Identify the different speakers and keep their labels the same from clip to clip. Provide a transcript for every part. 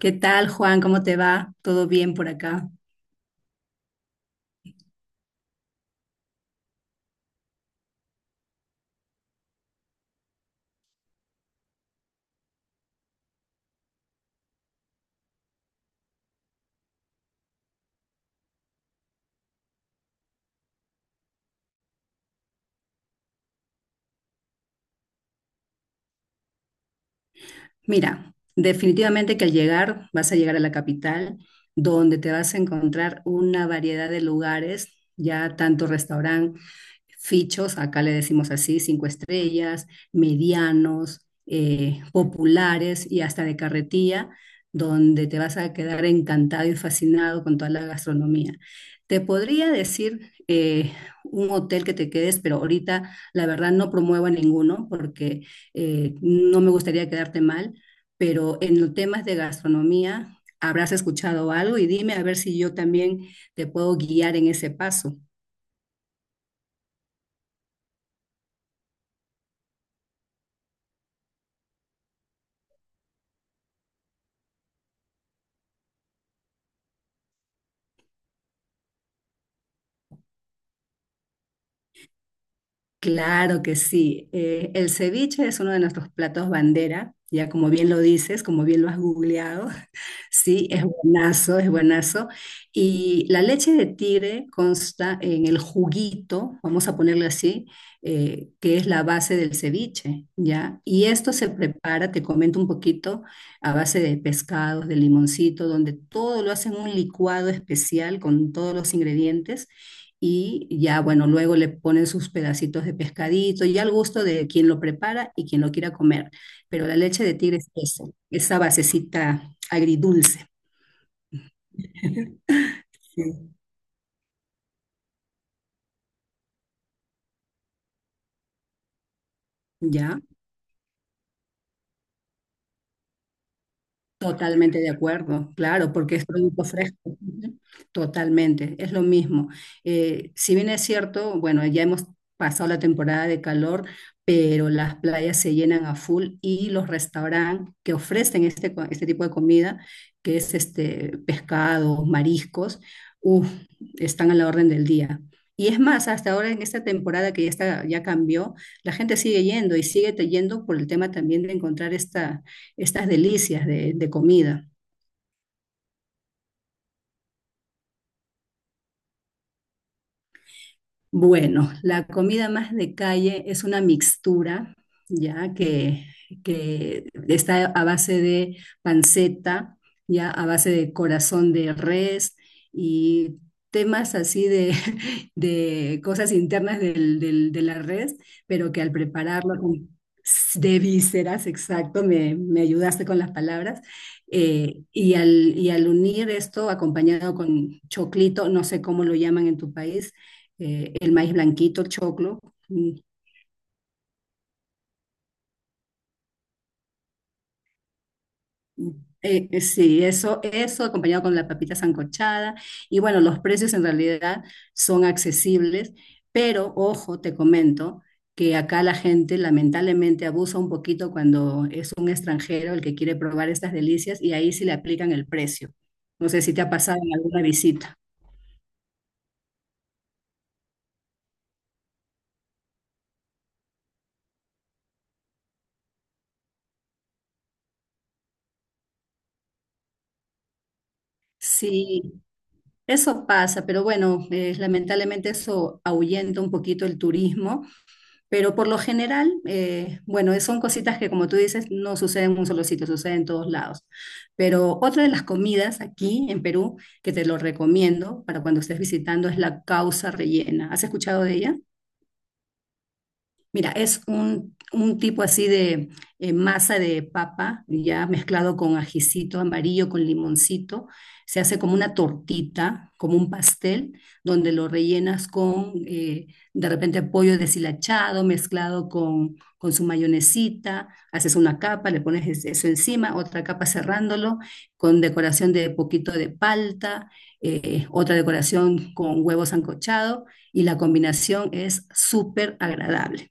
Speaker 1: ¿Qué tal, Juan? ¿Cómo te va? ¿Todo bien por acá? Mira, definitivamente que al llegar vas a llegar a la capital, donde te vas a encontrar una variedad de lugares, ya tanto restaurante fichos, acá le decimos así, cinco estrellas, medianos, populares y hasta de carretilla, donde te vas a quedar encantado y fascinado con toda la gastronomía. Te podría decir un hotel que te quedes, pero ahorita la verdad no promuevo ninguno porque no me gustaría quedarte mal, pero en los temas de gastronomía habrás escuchado algo y dime a ver si yo también te puedo guiar en ese paso. Claro que sí. El ceviche es uno de nuestros platos bandera, ya como bien lo dices, como bien lo has googleado. Sí, es buenazo, es buenazo. Y la leche de tigre consta en el juguito, vamos a ponerle así, que es la base del ceviche, ¿ya? Y esto se prepara, te comento un poquito, a base de pescados, de limoncito, donde todo lo hacen un licuado especial con todos los ingredientes y ya, bueno, luego le ponen sus pedacitos de pescadito, ya al gusto de quien lo prepara y quien lo quiera comer. Pero la leche de tigre es eso, esa basecita agridulce. Sí. ¿Ya? Totalmente de acuerdo, claro, porque es producto fresco. Ujú. Totalmente, es lo mismo. Si bien es cierto, bueno, ya hemos pasado la temporada de calor, pero las playas se llenan a full y los restaurantes que ofrecen este tipo de comida, que es este pescado, mariscos, uf, están a la orden del día. Y es más, hasta ahora en esta temporada que ya está, ya cambió, la gente sigue yendo y yendo por el tema también de encontrar estas delicias de comida. Bueno, la comida más de calle es una mixtura, ya que, que está a base de panceta, ya a base de corazón de res y temas así de, de cosas internas de la res, pero que al prepararlo con- de vísceras, exacto, me ayudaste con las palabras, y al unir esto acompañado con choclito, no sé cómo lo llaman en tu país el maíz blanquito, el choclo. mm, mm, sí, eso, eso acompañado con la papita sancochada. Y bueno, los precios en realidad son accesibles, pero ojo, te comento que acá la gente lamentablemente abusa un poquito cuando es un extranjero el que quiere probar estas delicias y ahí sí le aplican el precio. No sé si te ha pasado en alguna visita. Sí, eso pasa, pero bueno, lamentablemente eso ahuyenta un poquito el turismo. Pero por lo general, bueno, son cositas que como tú dices, no suceden en un solo sitio, suceden en todos lados. Pero otra de las comidas aquí en Perú, que te lo recomiendo para cuando estés visitando, es la causa rellena. ¿Has escuchado de ella? Mira, es un tipo así de masa de papa, ya mezclado con ajicito amarillo, con limoncito. Se hace como una tortita, como un pastel, donde lo rellenas con de repente pollo deshilachado, mezclado con su mayonesita. Haces una capa, le pones es- eso encima, otra capa cerrándolo, con decoración de poquito de palta, otra decoración con huevo sancochado, y la combinación es súper agradable.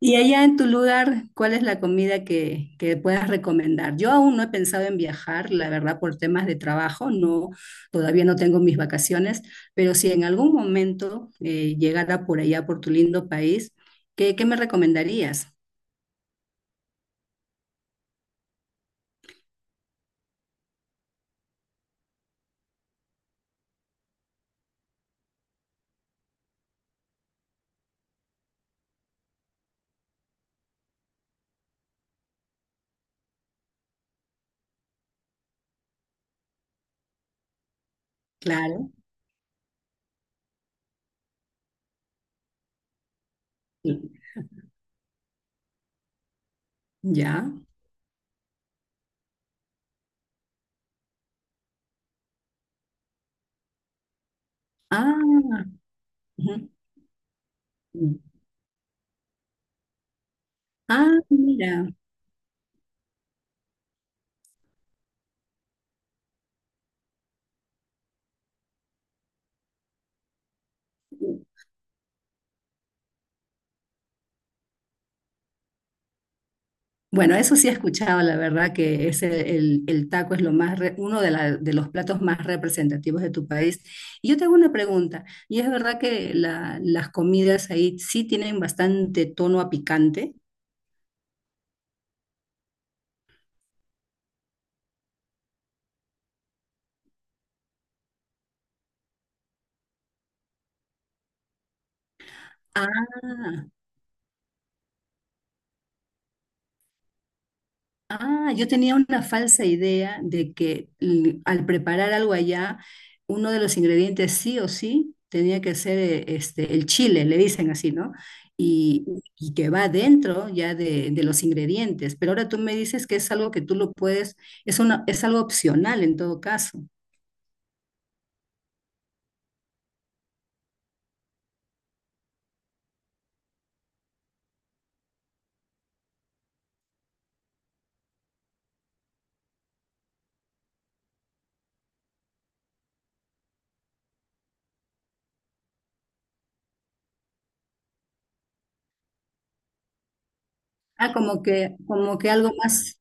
Speaker 1: Y allá en tu lugar, ¿cuál es la comida que puedas recomendar? Yo aún no he pensado en viajar, la verdad, por temas de trabajo, no, todavía no tengo mis vacaciones, pero si en algún momento llegara por allá, por tu lindo país, ¿qué, qué me recomendarías? Claro, sí, ya. Ah, ujú. Ah, mira. Bueno, eso sí he escuchado, la verdad que es el taco es lo más re- uno de, la- de los platos más representativos de tu país. Y yo tengo una pregunta, y es verdad que la- las comidas ahí sí tienen bastante tono a picante. Ah, ah, yo tenía una falsa idea de que l- al preparar algo allá, uno de los ingredientes sí o sí tenía que ser este, el chile, le dicen así, ¿no? Y, y que va dentro ya de los ingredientes. Pero ahora tú me dices que es algo que tú lo puedes, es una, es algo opcional en todo caso. Ah, como que algo más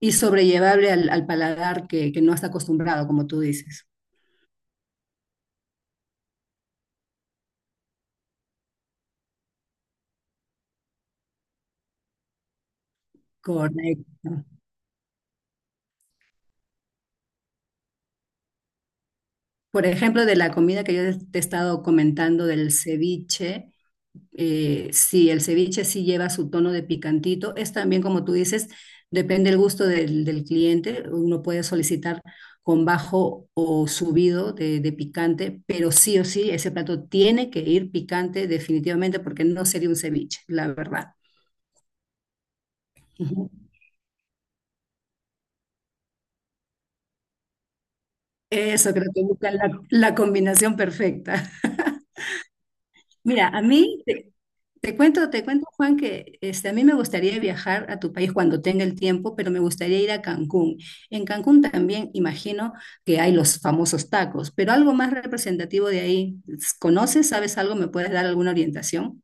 Speaker 1: y sobrellevable al, al paladar que no está acostumbrado, como tú dices. Correcto. Por ejemplo, de la comida que yo te he estado comentando del ceviche, sí, el ceviche sí lleva su tono de picantito. Es también, como tú dices, depende el gusto del, del cliente. Uno puede solicitar con bajo o subido de picante, pero sí o sí, ese plato tiene que ir picante definitivamente porque no sería un ceviche, la verdad. Ujú. Eso creo que busca la, la combinación perfecta. Mira, a mí, te cuento, te cuento, Juan, que este, a mí me gustaría viajar a tu país cuando tenga el tiempo, pero me gustaría ir a Cancún. En Cancún también imagino que hay los famosos tacos, pero algo más representativo de ahí. ¿Conoces? ¿Sabes algo? ¿Me puedes dar alguna orientación?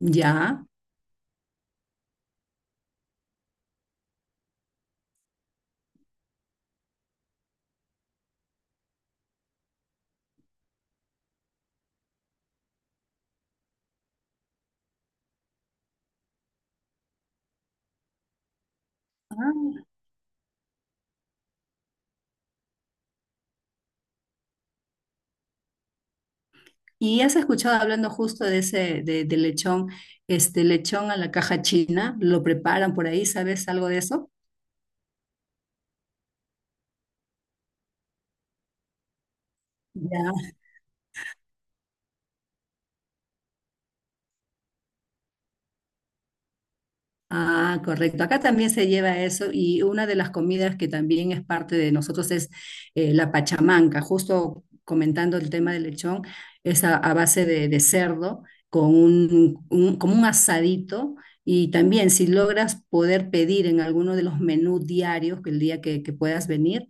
Speaker 1: Ya. Ah, ¿y has escuchado hablando justo de ese, de lechón, este lechón a la caja china? ¿Lo preparan por ahí? ¿Sabes algo de eso? Ya. Ah, correcto. Acá también se lleva eso y una de las comidas que también es parte de nosotros es la pachamanca. Justo comentando el tema del lechón, es a base de cerdo con un- como un asadito y también si logras poder pedir en alguno de los menús diarios que el día que puedas venir,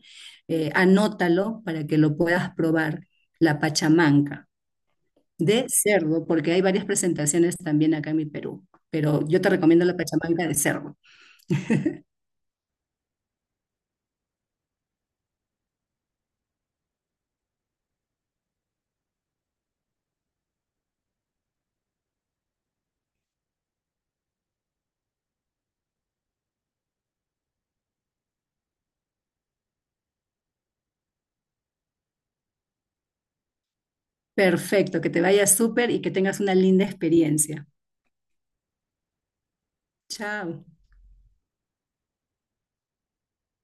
Speaker 1: anótalo para que lo puedas probar, la pachamanca de cerdo, porque hay varias presentaciones también acá en mi Perú pero yo te recomiendo la pachamanca de cerdo. Perfecto, que te vaya súper y que tengas una linda experiencia. Chao.